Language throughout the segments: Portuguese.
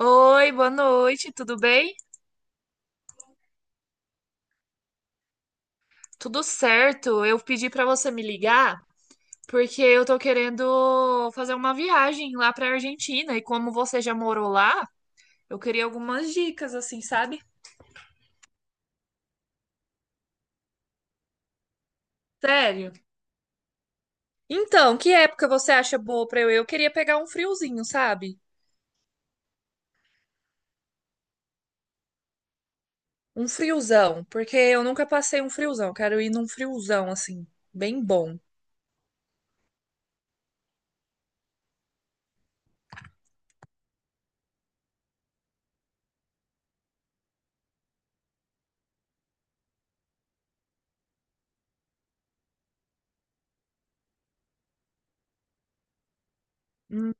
Oi, boa noite, tudo bem? Tudo certo. Eu pedi para você me ligar porque eu tô querendo fazer uma viagem lá para Argentina e como você já morou lá, eu queria algumas dicas assim, sabe? Sério. Então, que época você acha boa para eu ir? Eu queria pegar um friozinho, sabe? Um friozão, porque eu nunca passei um friozão. Eu Quero ir num friozão assim, bem bom. Hum.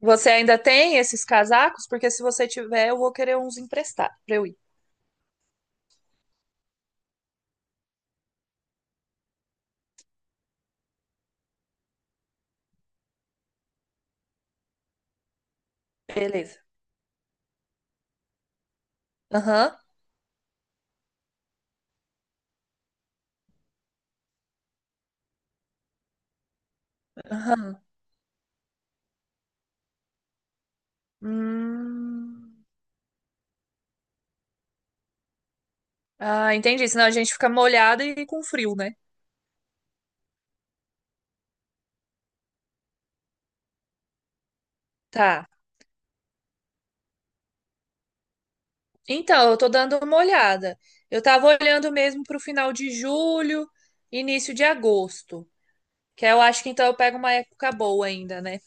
Você ainda tem esses casacos? Porque se você tiver, eu vou querer uns emprestar para eu ir. Beleza. Aham. Aham. Hum. Ah, entendi. Senão a gente fica molhada e com frio, né? Tá. Então, eu tô dando uma olhada. Eu tava olhando mesmo pro final de julho, início de agosto. Que eu acho que então eu pego uma época boa ainda, né?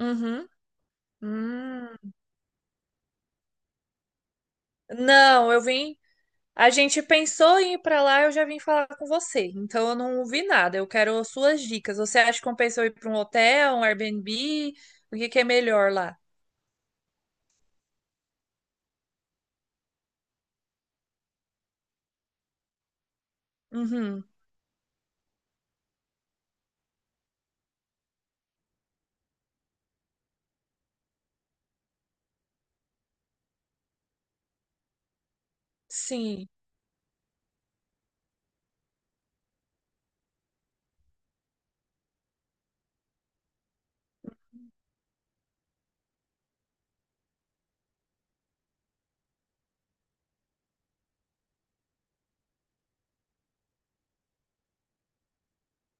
Uhum. Hum. Não, eu vim. A gente pensou em ir pra lá, eu já vim falar com você. Então eu não vi nada. Eu quero suas dicas. Você acha que compensa eu ir pra um hotel, um Airbnb? O que que é melhor lá? Uhum. Sim,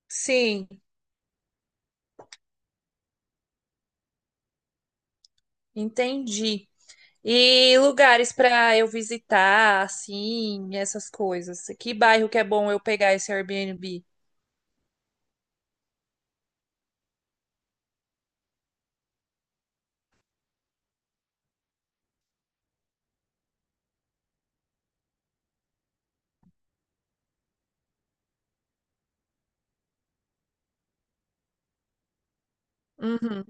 sim, entendi. E lugares pra eu visitar, assim, essas coisas. Que bairro que é bom eu pegar esse Airbnb? Uhum,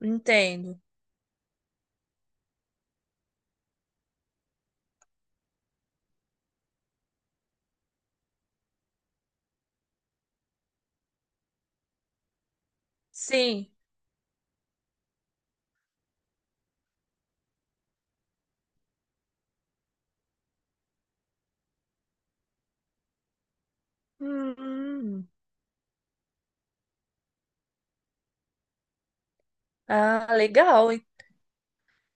entendo. Sim. Hum. Ah, legal.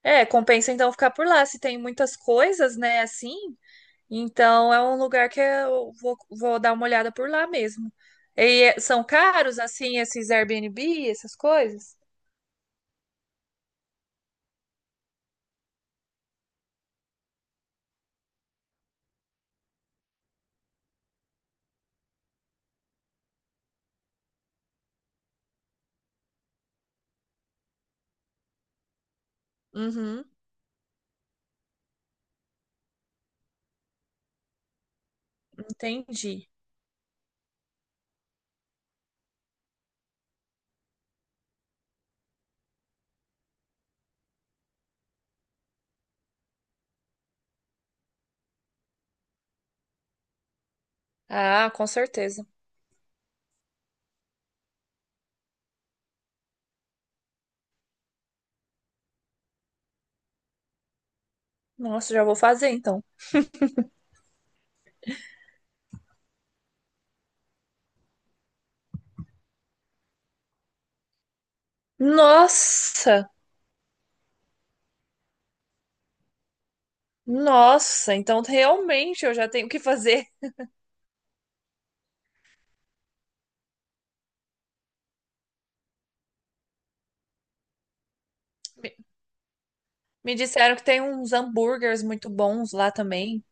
É, compensa então ficar por lá, se tem muitas coisas, né, assim. Então é um lugar que eu vou dar uma olhada por lá mesmo. E são caros, assim, esses Airbnb, essas coisas? Uhum, entendi. Ah, com certeza. Nossa, já vou fazer então. Nossa! Nossa, então realmente eu já tenho o que fazer. Me me disseram que tem uns hambúrgueres muito bons lá também.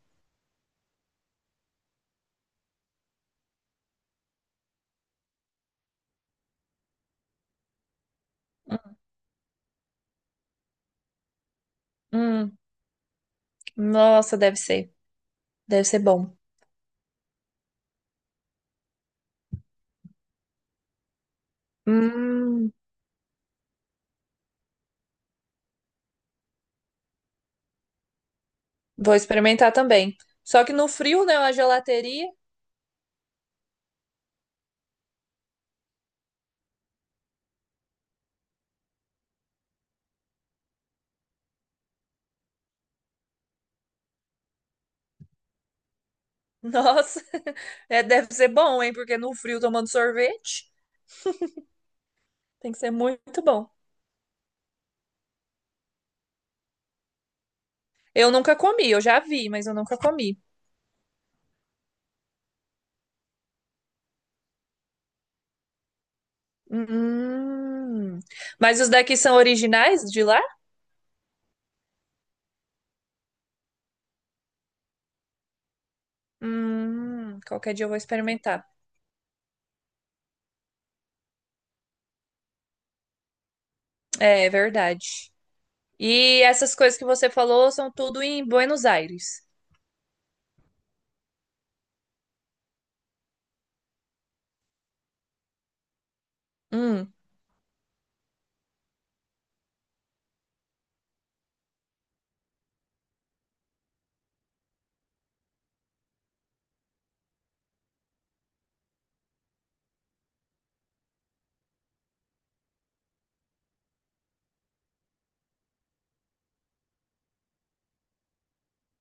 Hum, nossa, deve ser. Deve ser bom. Hum. Vou experimentar também. Só que no frio, né, uma gelateria, nossa, é, deve ser bom, hein? Porque no frio tomando sorvete tem que ser muito bom. Eu nunca comi, eu já vi, mas eu nunca comi. Hum. Mas os daqui são originais de lá? Qualquer dia eu vou experimentar. É, é verdade. E essas coisas que você falou são tudo em Buenos Aires. Hum.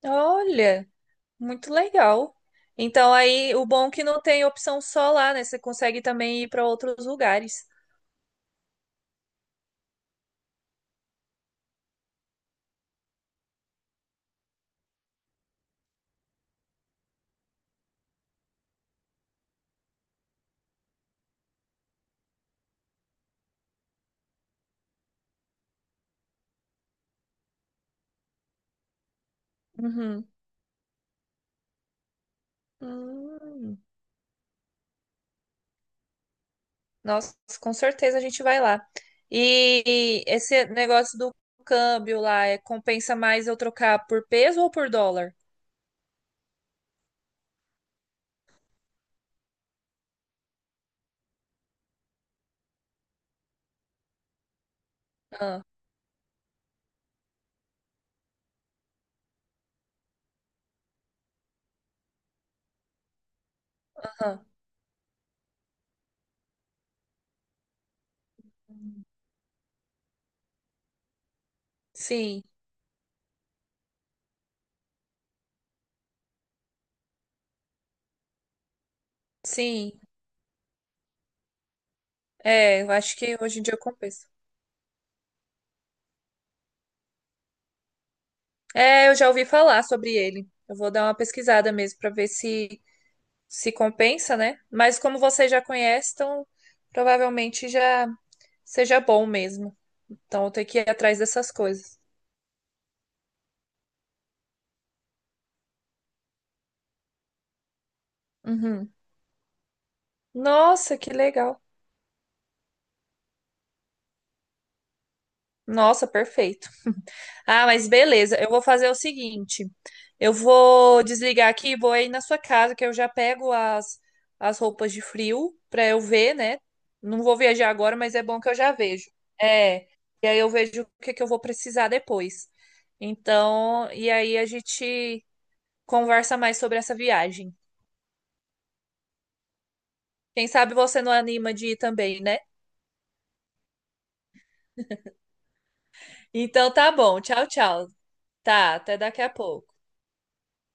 Olha. Muito legal. Então aí o bom é que não tem opção só lá, né? Você consegue também ir para outros lugares. Uhum. Hum. Nossa, com certeza a gente vai lá. E esse negócio do câmbio lá, é, compensa mais eu trocar por peso ou por dólar? Ah, aham. Sim, sim. É, eu acho que hoje em dia compensa. É, eu já ouvi falar sobre ele. Eu vou dar uma pesquisada mesmo para ver se compensa, né? Mas como você já conhece, então provavelmente já seja bom mesmo. Então eu tenho que ir atrás dessas coisas. Uhum. Nossa, que legal. Nossa, perfeito. Ah, mas beleza. Eu vou fazer o seguinte. Eu vou desligar aqui e vou aí na sua casa, que eu já pego as roupas de frio para eu ver, né? Não vou viajar agora, mas é bom que eu já vejo. É. E aí eu vejo o que que eu vou precisar depois. Então, e aí a gente conversa mais sobre essa viagem. Quem sabe você não anima de ir também, né? Então tá bom. Tchau, tchau. Tá, até daqui a pouco.